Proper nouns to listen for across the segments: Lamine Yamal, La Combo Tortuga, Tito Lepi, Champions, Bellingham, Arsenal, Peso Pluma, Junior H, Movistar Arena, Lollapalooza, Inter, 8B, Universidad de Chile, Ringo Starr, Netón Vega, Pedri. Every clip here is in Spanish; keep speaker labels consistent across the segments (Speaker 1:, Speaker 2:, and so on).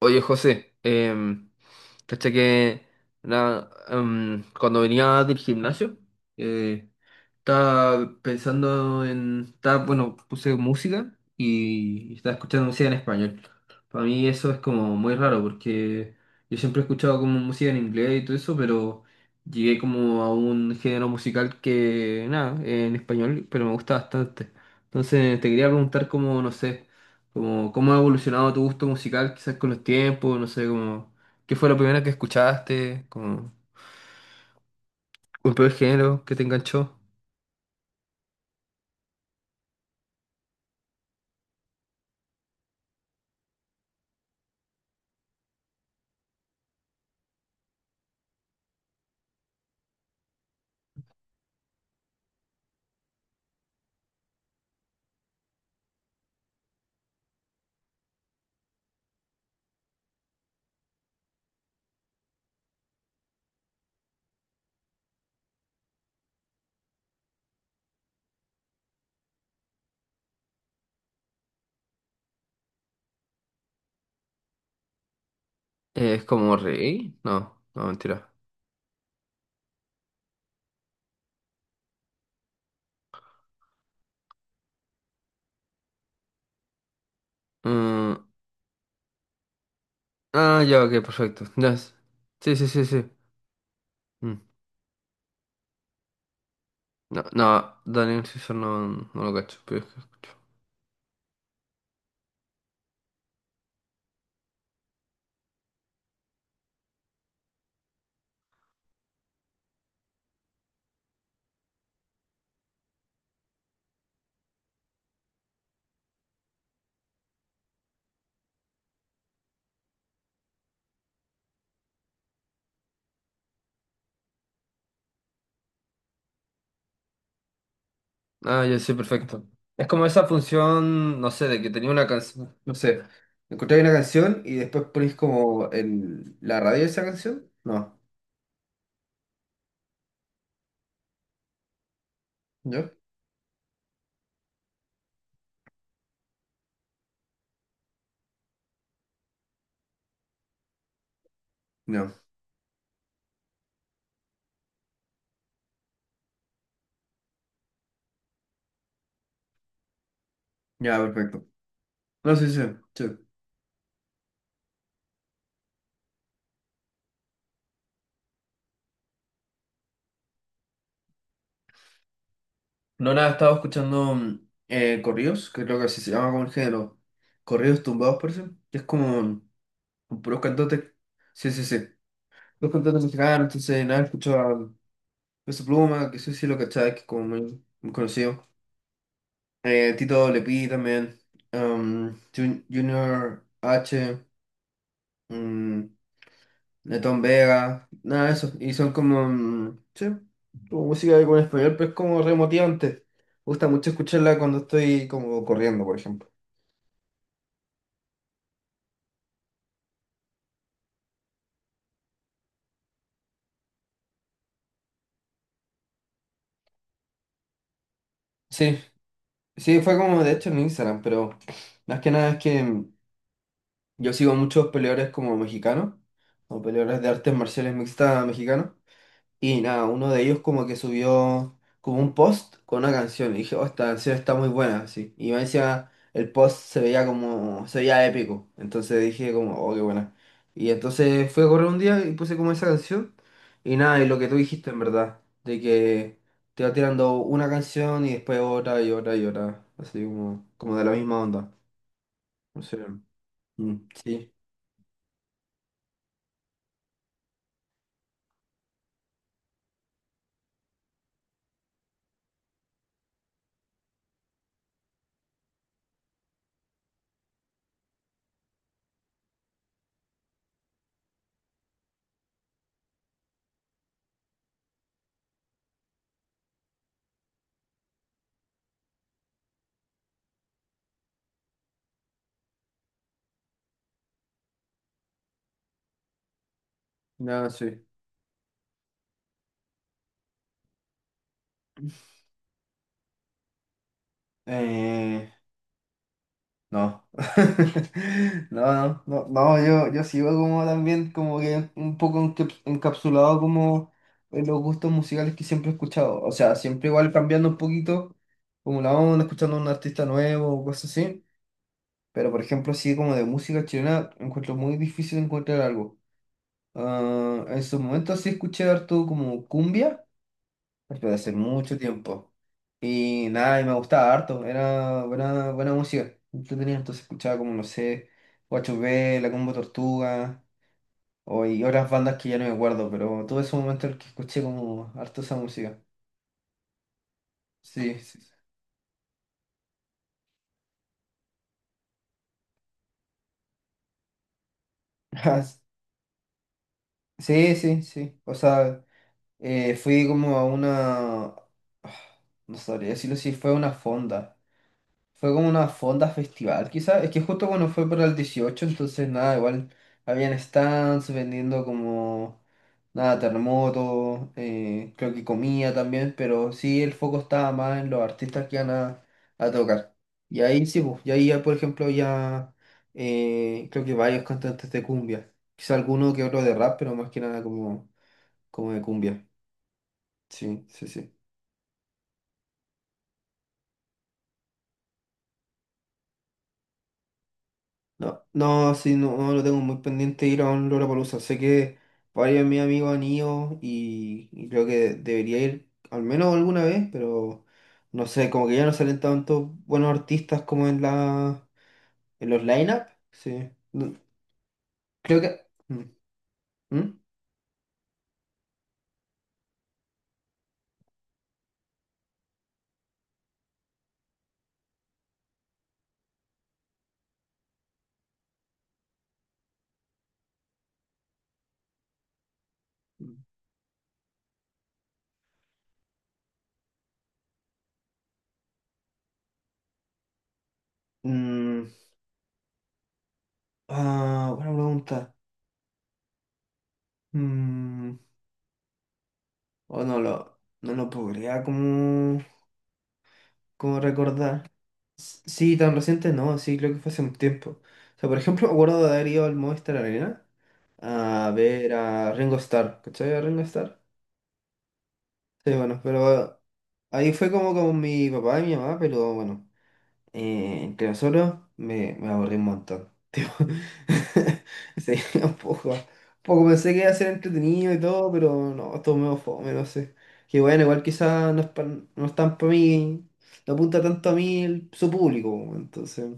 Speaker 1: Oye, José, caché que cuando venía del gimnasio, eh, estaba pensando en, estaba, bueno, puse música y estaba escuchando música en español. Para mí eso es como muy raro porque yo siempre he escuchado como música en inglés y todo eso, pero llegué como a un género musical que, nada, en español, pero me gusta bastante. Entonces te quería preguntar como, no sé, como cómo ha evolucionado tu gusto musical quizás con los tiempos, no sé, como qué fue lo primero que escuchaste, como un primer género que te enganchó. Es como rey. No, no, mentira. Mm, ah, ya, ok, perfecto. Ya. Es- Sí, sí, sí, sí. Mm. No, no, Daniel Caesar no, no lo cacho, pero es que escucho. Ah, ya, sí, perfecto. Es como esa función, no sé, de que tenía una canción, no sé, encontráis una canción y después ponéis como el, la radio de esa canción. No, ¿yo? No, ya, perfecto. No, sí, sí, sí. No, nada, estaba escuchando corridos, que creo que así se llama como el género. Corridos tumbados, parece. Que es como un puros cantantes. Sí, sí, sí. Los cantantes mexicanos, entonces nada, escucho a Peso Pluma, que sí, sí lo cachai, que es como muy, muy conocido. Tito Lepi también. um, Junior H. um, Netón Vega. Nada de eso. Y son como. Sí, como música con español, pero es como re motivante. Me gusta mucho escucharla cuando estoy como corriendo, por ejemplo. Sí, sí, fue como de hecho en Instagram, pero más que nada es que yo sigo muchos peleadores como mexicanos, o peleadores de artes marciales mixtas mexicanos. Y nada, uno de ellos como que subió como un post con una canción. Y dije, oh, esta canción está muy buena, así. Y me decía, el post se veía como, se veía épico. Entonces dije como, oh, qué buena. Y entonces fui a correr un día y puse como esa canción. Y nada, y lo que tú dijiste en verdad, de que te va tirando una canción y después otra y otra y otra. Así como, como de la misma onda. No sé. Mm, sí, nada, sí. Eh, no. No, no, no, no, yo sigo como también, como que un poco encapsulado como en los gustos musicales que siempre he escuchado. O sea, siempre igual cambiando un poquito, como la onda, escuchando a un artista nuevo o cosas así. Pero por ejemplo, así como de música chilena, encuentro muy difícil encontrar algo. Ah, en su momento sí escuché harto como cumbia, pero hace mucho tiempo. Y nada, y me gustaba harto, era buena, buena música. Yo tenía entonces escuchaba como, no sé, 8B, La Combo Tortuga, o, y otras bandas que ya no me acuerdo, pero tuve ese momento en el que escuché como harto esa música. Sí, sí. Sí. Ah, s- sí, sí, sí. O sea, fui como a una... ah, no sabría decirlo si fue a una fonda. Fue como una fonda festival, quizás. Es que justo cuando fue para el 18 entonces nada, igual habían stands vendiendo como nada, terremotos, creo que comida también, pero sí el foco estaba más en los artistas que iban a tocar. Y ahí sí, pues, y ahí ya, por ejemplo, ya creo que varios cantantes de cumbia. Quizá alguno que otro de rap, pero más que nada como, como de cumbia. Sí, sí, sí. No, no, sí, no, no lo tengo muy pendiente ir a un Lollapalooza. Sé que varios de mis amigos han ido y creo que debería ir al menos alguna vez, pero no sé, como que ya no salen tantos buenos artistas como en la en los line-up. Sí. No, creo que. ¿Mm? ¿Mm? Mm, ah, buena pregunta. Mm, o no lo, no lo podría como, como recordar. Sí, tan reciente no, sí, creo que fue hace un tiempo. O sea, por ejemplo, me acuerdo de haber ido al Movistar Arena a ver a Ringo Starr. ¿Cachai a Ringo Starr? Sí, bueno, pero ahí fue como con mi papá y mi mamá, pero bueno, entre nosotros me, me aburrí un montón. Tipo, sí, un poco pensé que iba a ser entretenido y todo, pero no, estuvo medio fome, no sé. Que bueno, igual quizás no es, no es tan para mí, no apunta tanto a mí su público, entonces.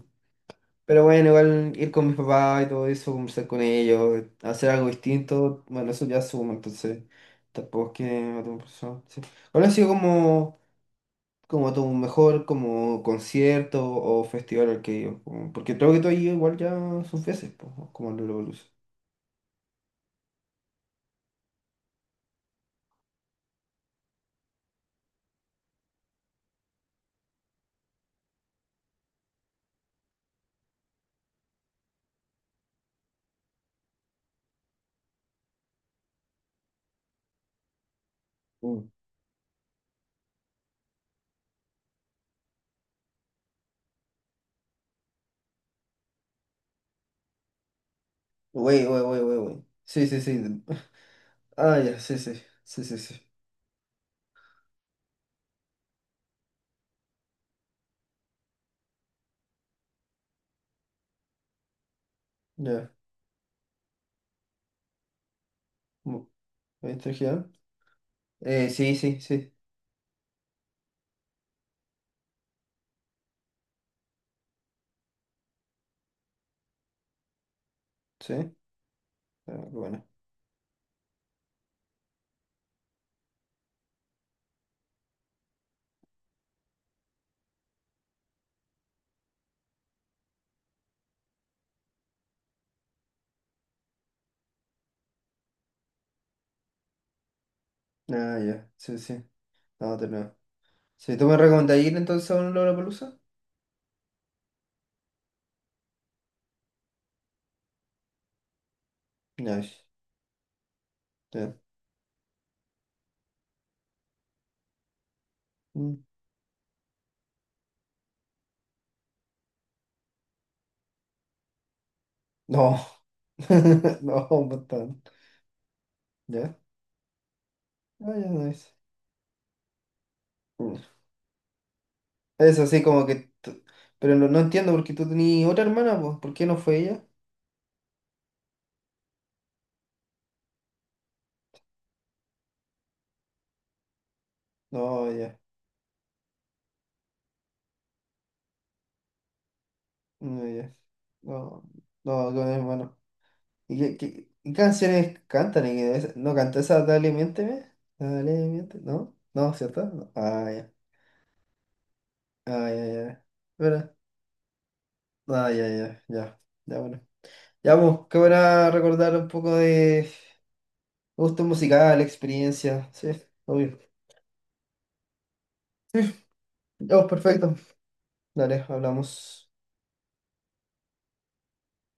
Speaker 1: Pero bueno, igual ir con mis papás y todo eso, conversar con ellos, hacer algo distinto, bueno, eso ya suma, entonces tampoco es que me tengo profesor. Sí. ¿Cuál ha sido como, como tu mejor como concierto o festival al que he ido? Como- Porque creo que tú has ido igual ya sus veces, pues, ¿no? Como al Lollapalooza. Mm. Güey, güey, güey, güey, güey. Sí, sí, sí. Ah, ya, sí, sí, sí, sí, sí. Ya. Mm. ¿Me distrajeron? Sí, sí, sí, sí. Ah, bueno. Ah, ya, sí, sí. No, de nuevo. Si tú me recomendas ir entonces a un Lollapalooza, nice. Ya. Mm. No, no, bastante. Ya, ah, ya, nice. Mm. Es así como que. T- Pero no, no entiendo porque tú tenías otra hermana, pues. ¿Por qué no fue ella? No, ya, no, ya. No, no, con hermano. ¿Y qué, qué canciones cantan? ¿Y qué es- ¿No canta esa Dale, miénteme? Dale, miénteme. ¿No? ¿No, cierto? No. Ah, ya. Ah, ya, ya. ¿Verdad? Ah, ya, ya, ya. Ya, bueno. Ya, pues, qué buena recordar un poco de gusto musical, experiencia. Sí, obvio. Ya, pues, perfecto. Dale, hablamos.